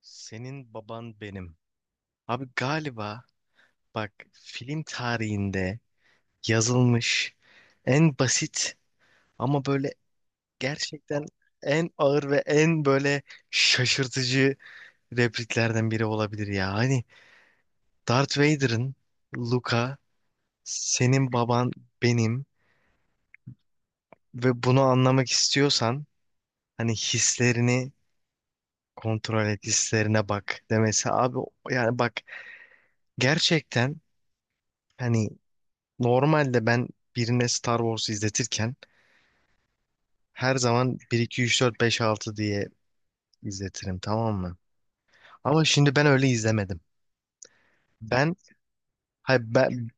Senin baban benim. Abi galiba bak, film tarihinde yazılmış en basit ama böyle gerçekten en ağır ve en böyle şaşırtıcı repliklerden biri olabilir ya. Hani Darth Vader'ın "Luka, senin baban benim ve bunu anlamak istiyorsan hani hislerini kontrol et, hislerine bak" demesi abi, yani bak gerçekten. Hani normalde ben birine Star Wars izletirken her zaman bir 2 3 4 5 6 diye izletirim, tamam mı? Ama şimdi ben öyle izlemedim. Ben, hayır ben,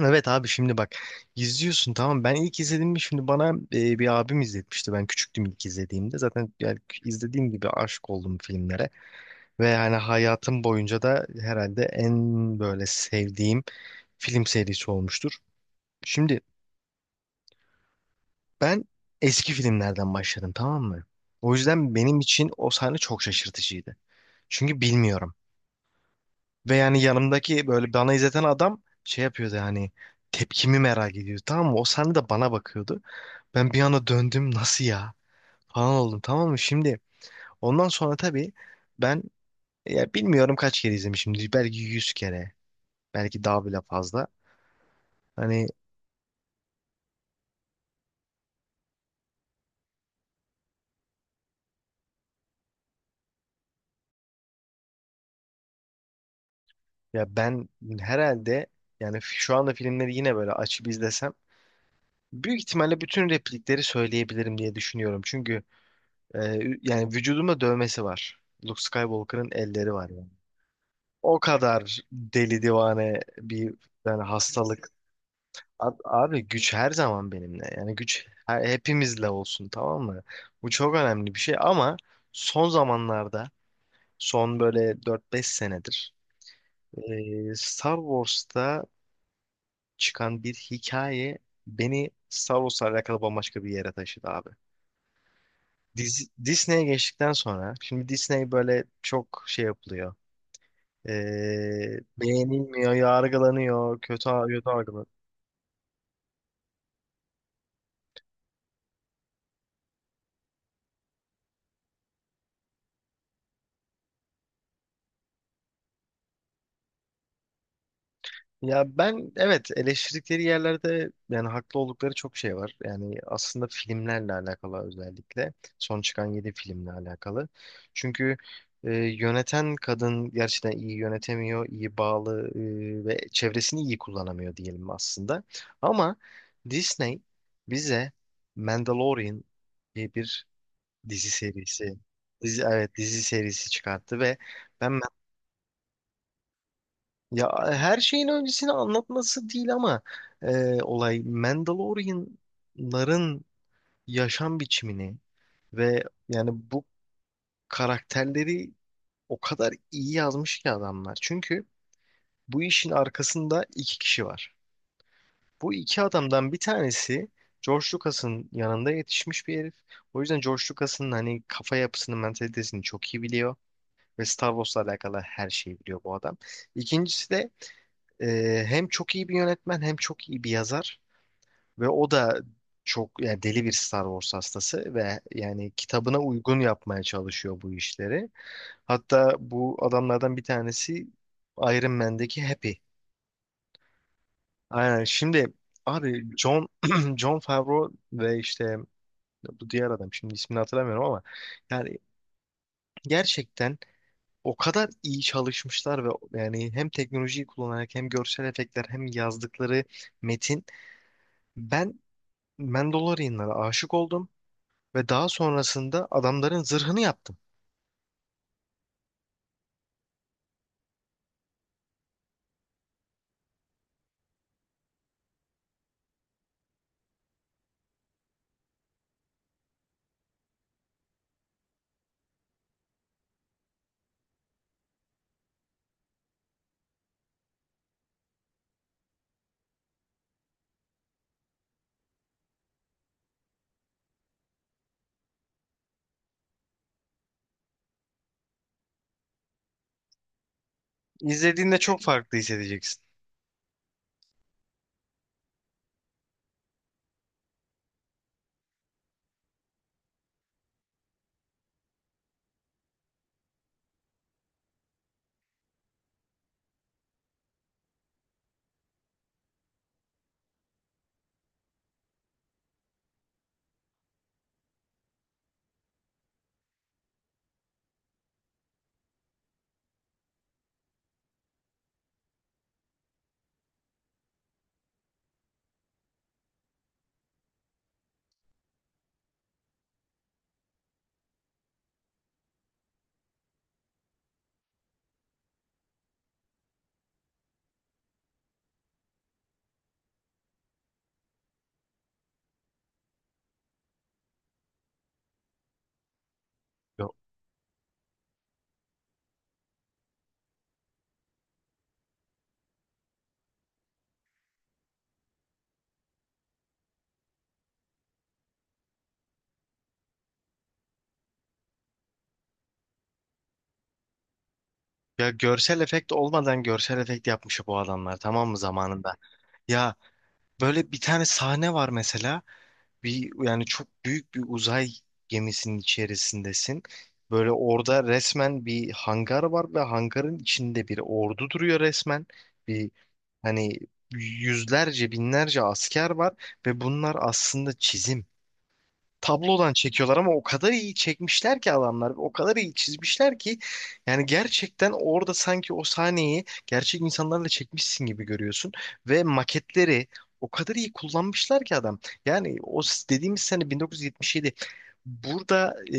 evet abi şimdi bak, izliyorsun tamam, ben ilk izlediğimde, şimdi bana bir abim izletmişti, ben küçüktüm ilk izlediğimde zaten, yani izlediğim gibi aşık oldum filmlere ve hani hayatım boyunca da herhalde en böyle sevdiğim film serisi olmuştur. Şimdi ben eski filmlerden başladım, tamam mı? O yüzden benim için o sahne çok şaşırtıcıydı. Çünkü bilmiyorum. Ve yani yanımdaki böyle bana izleten adam şey yapıyordu, yani tepkimi merak ediyordu tamam mı? O sahne de bana bakıyordu. Ben bir anda döndüm, nasıl ya falan oldum, tamam mı? Şimdi ondan sonra tabii ben, ya bilmiyorum kaç kere izlemişimdir. Belki 100 kere. Belki daha bile fazla. Hani ya ben herhalde, yani şu anda filmleri yine böyle açıp izlesem büyük ihtimalle bütün replikleri söyleyebilirim diye düşünüyorum. Çünkü e, yani vücudumda dövmesi var. Luke Skywalker'ın elleri var yani. O kadar deli divane bir yani hastalık. A- Abi güç her zaman benimle. Yani güç her- hepimizle olsun, tamam mı? Bu çok önemli bir şey ama son zamanlarda, son böyle dört beş senedir Star Wars'ta çıkan bir hikaye beni Star Wars'la alakalı bambaşka bir yere taşıdı abi. Dizi- Disney'e geçtikten sonra şimdi Disney böyle çok şey yapılıyor. Beğenilmiyor, yargılanıyor, kötü kötü. Ya ben evet, eleştirdikleri yerlerde yani haklı oldukları çok şey var. Yani aslında filmlerle alakalı, özellikle son çıkan 7 filmle alakalı. Çünkü yöneten kadın gerçekten iyi yönetemiyor, iyi bağlı ve çevresini iyi kullanamıyor diyelim aslında. Ama Disney bize Mandalorian diye bir dizi serisi, dizi, evet dizi serisi çıkarttı ve ben, ya her şeyin öncesini anlatması değil ama olay Mandalorianların yaşam biçimini ve yani bu karakterleri o kadar iyi yazmış ki adamlar. Çünkü bu işin arkasında iki kişi var. Bu iki adamdan bir tanesi George Lucas'ın yanında yetişmiş bir herif. O yüzden George Lucas'ın hani kafa yapısını, mentalitesini çok iyi biliyor ve Star Wars'la alakalı her şeyi biliyor bu adam. İkincisi de hem çok iyi bir yönetmen hem çok iyi bir yazar ve o da çok yani deli bir Star Wars hastası ve yani kitabına uygun yapmaya çalışıyor bu işleri. Hatta bu adamlardan bir tanesi Iron Man'deki Happy. Aynen. Şimdi abi John John Favreau ve işte bu diğer adam, şimdi ismini hatırlamıyorum ama yani gerçekten o kadar iyi çalışmışlar ve yani hem teknolojiyi kullanarak hem görsel efektler hem yazdıkları metin, ben Mandalorianlara aşık oldum ve daha sonrasında adamların zırhını yaptım. İzlediğinde çok farklı hissedeceksin. Ya, ya görsel efekt olmadan görsel efekt yapmış bu adamlar, tamam mı, zamanında? Ya böyle bir tane sahne var mesela. Bir, yani çok büyük bir uzay gemisinin içerisindesin. Böyle orada resmen bir hangar var ve hangarın içinde bir ordu duruyor resmen. Bir hani yüzlerce binlerce asker var ve bunlar aslında çizim. Tablodan çekiyorlar ama o kadar iyi çekmişler ki adamlar, o kadar iyi çizmişler ki yani gerçekten orada sanki o sahneyi gerçek insanlarla çekmişsin gibi görüyorsun ve maketleri o kadar iyi kullanmışlar ki adam. Yani o s- dediğimiz sene 1977. Burada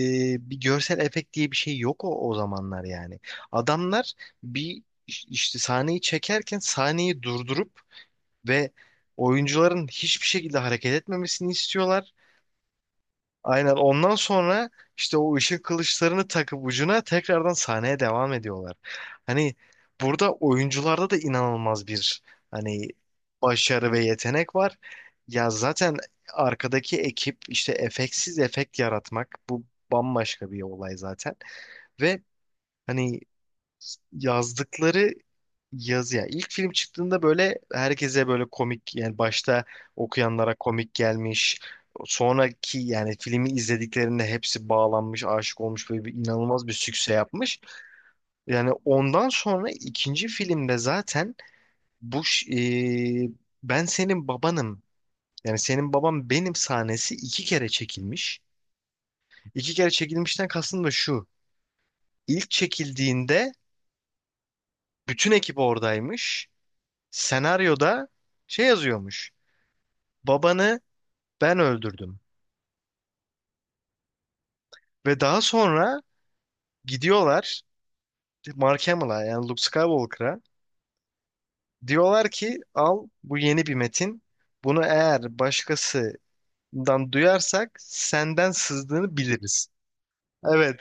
bir görsel efekt diye bir şey yok o, o zamanlar yani. Adamlar bir iş- işte sahneyi çekerken sahneyi durdurup ve oyuncuların hiçbir şekilde hareket etmemesini istiyorlar. Aynen, ondan sonra işte o ışık kılıçlarını takıp ucuna tekrardan sahneye devam ediyorlar. Hani burada oyuncularda da inanılmaz bir hani başarı ve yetenek var. Ya zaten arkadaki ekip işte efektsiz efekt yaratmak, bu bambaşka bir olay zaten. Ve hani yazdıkları yazı, ya ilk film çıktığında böyle herkese böyle komik, yani başta okuyanlara komik gelmiş. Sonraki yani filmi izlediklerinde hepsi bağlanmış, aşık olmuş, böyle bir inanılmaz bir sükse yapmış. Yani ondan sonra ikinci filmde zaten bu ben senin babanım. Yani senin babam benim sahnesi iki kere çekilmiş. İki kere çekilmişten kastım da şu. İlk çekildiğinde bütün ekip oradaymış. Senaryoda şey yazıyormuş. Babanı ben öldürdüm. Ve daha sonra gidiyorlar Mark Hamill'a, yani Luke Skywalker'a. Diyorlar ki, al bu yeni bir metin. Bunu eğer başkasından duyarsak, senden sızdığını biliriz. Evet,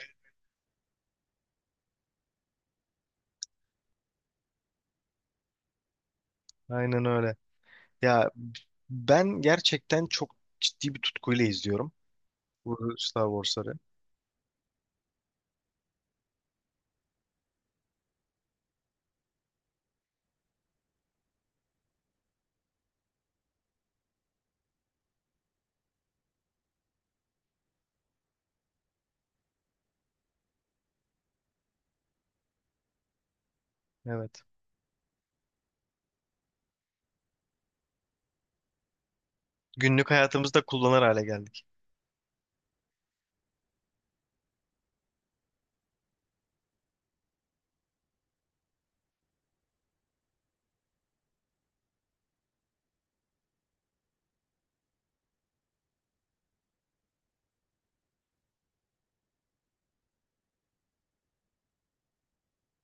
aynen öyle. Ya ben gerçekten çok ciddi bir tutkuyla izliyorum bu Star Wars'ları. Evet. Günlük hayatımızda kullanır hale geldik.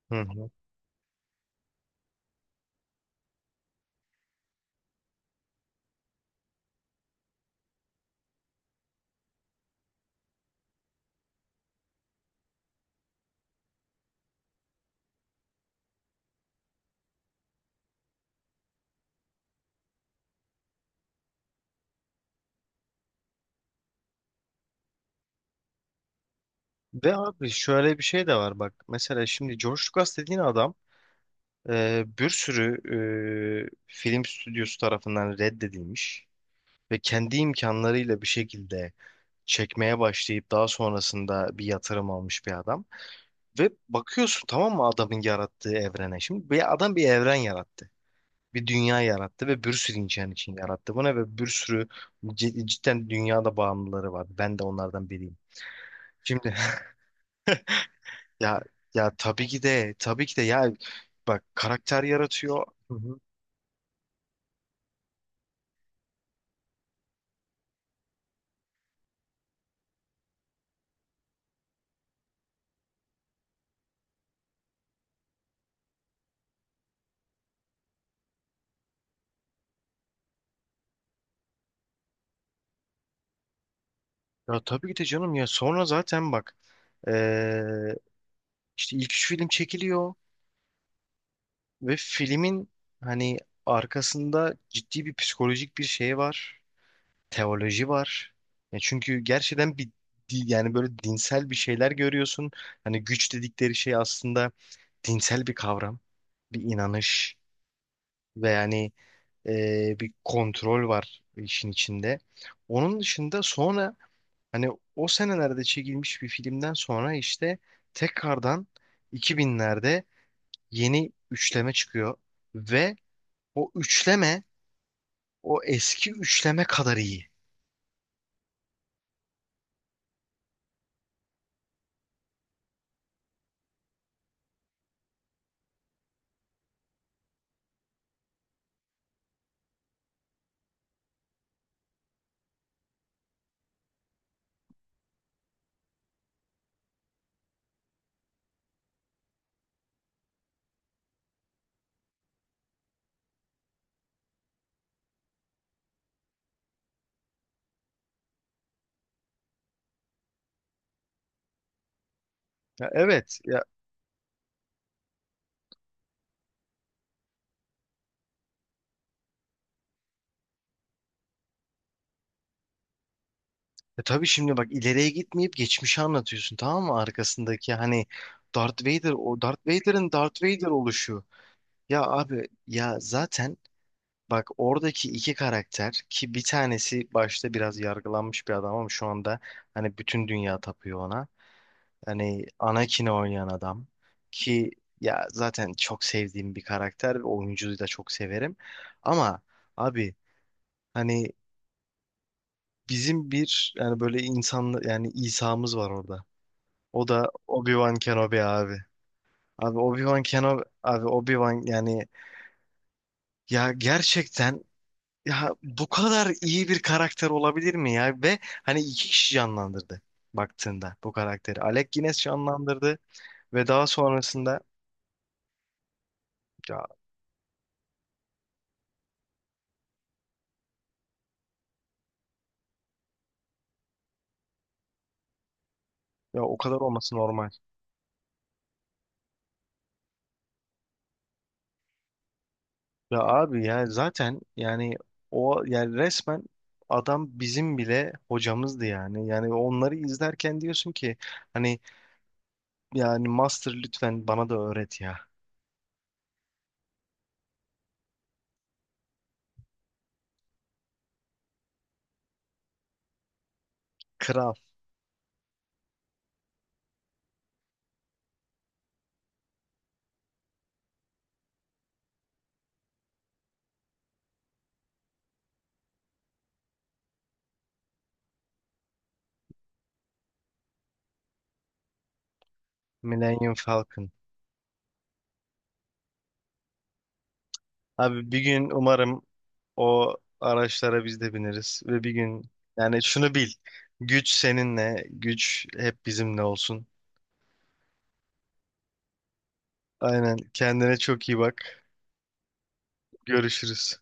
Hı hı. Ve abi şöyle bir şey de var, bak. Mesela şimdi George Lucas dediğin adam bir sürü film stüdyosu tarafından reddedilmiş ve kendi imkanlarıyla bir şekilde çekmeye başlayıp daha sonrasında bir yatırım almış bir adam. Ve bakıyorsun tamam mı, adamın yarattığı evrene. Şimdi bir adam bir evren yarattı. Bir dünya yarattı ve bir sürü insan için yarattı bunu ve bir sürü cid- cidden dünyada bağımlıları var. Ben de onlardan biriyim. Şimdi ya, ya tabii ki de, tabii ki de, ya bak karakter yaratıyor. Hı hı. Ya tabii ki de canım ya, sonra zaten bak eee, işte ilk üç film çekiliyor ve filmin hani arkasında ciddi bir psikolojik bir şey var. Teoloji var. Ya çünkü gerçekten bir di- yani böyle dinsel bir şeyler görüyorsun. Hani güç dedikleri şey aslında dinsel bir kavram, bir inanış ve yani bir kontrol var işin içinde. Onun dışında sonra hani o senelerde çekilmiş bir filmden sonra işte tekrardan 2000'lerde yeni üçleme çıkıyor ve o üçleme o eski üçleme kadar iyi. Ya evet ya, e tabii şimdi bak, ileriye gitmeyip geçmişi anlatıyorsun tamam mı, arkasındaki hani Darth Vader, o Darth Vader'ın Darth Vader oluşu. Ya abi ya zaten, bak oradaki iki karakter ki bir tanesi başta biraz yargılanmış bir adam ama şu anda hani bütün dünya tapıyor ona. Hani Anakin'i oynayan adam ki ya zaten çok sevdiğim bir karakter ve oyuncuyu da çok severim. Ama abi hani bizim bir yani böyle insan yani İsa'mız var orada. O da Obi-Wan Kenobi abi. Abi Obi-Wan Kenobi abi, Obi-Wan yani, ya gerçekten. Ya bu kadar iyi bir karakter olabilir mi ya? Ve hani iki kişi canlandırdı baktığında bu karakteri. Alec Guinness canlandırdı ve daha sonrasında ya, ya o kadar olması normal. Ya abi ya zaten yani o yani resmen adam bizim bile hocamızdı yani. Yani onları izlerken diyorsun ki hani yani Master lütfen bana da öğret ya. Kral, Millennium Falcon. Abi bir gün umarım o araçlara biz de bineriz ve bir gün yani şunu bil. Güç seninle, güç hep bizimle olsun. Aynen. Kendine çok iyi bak. Görüşürüz.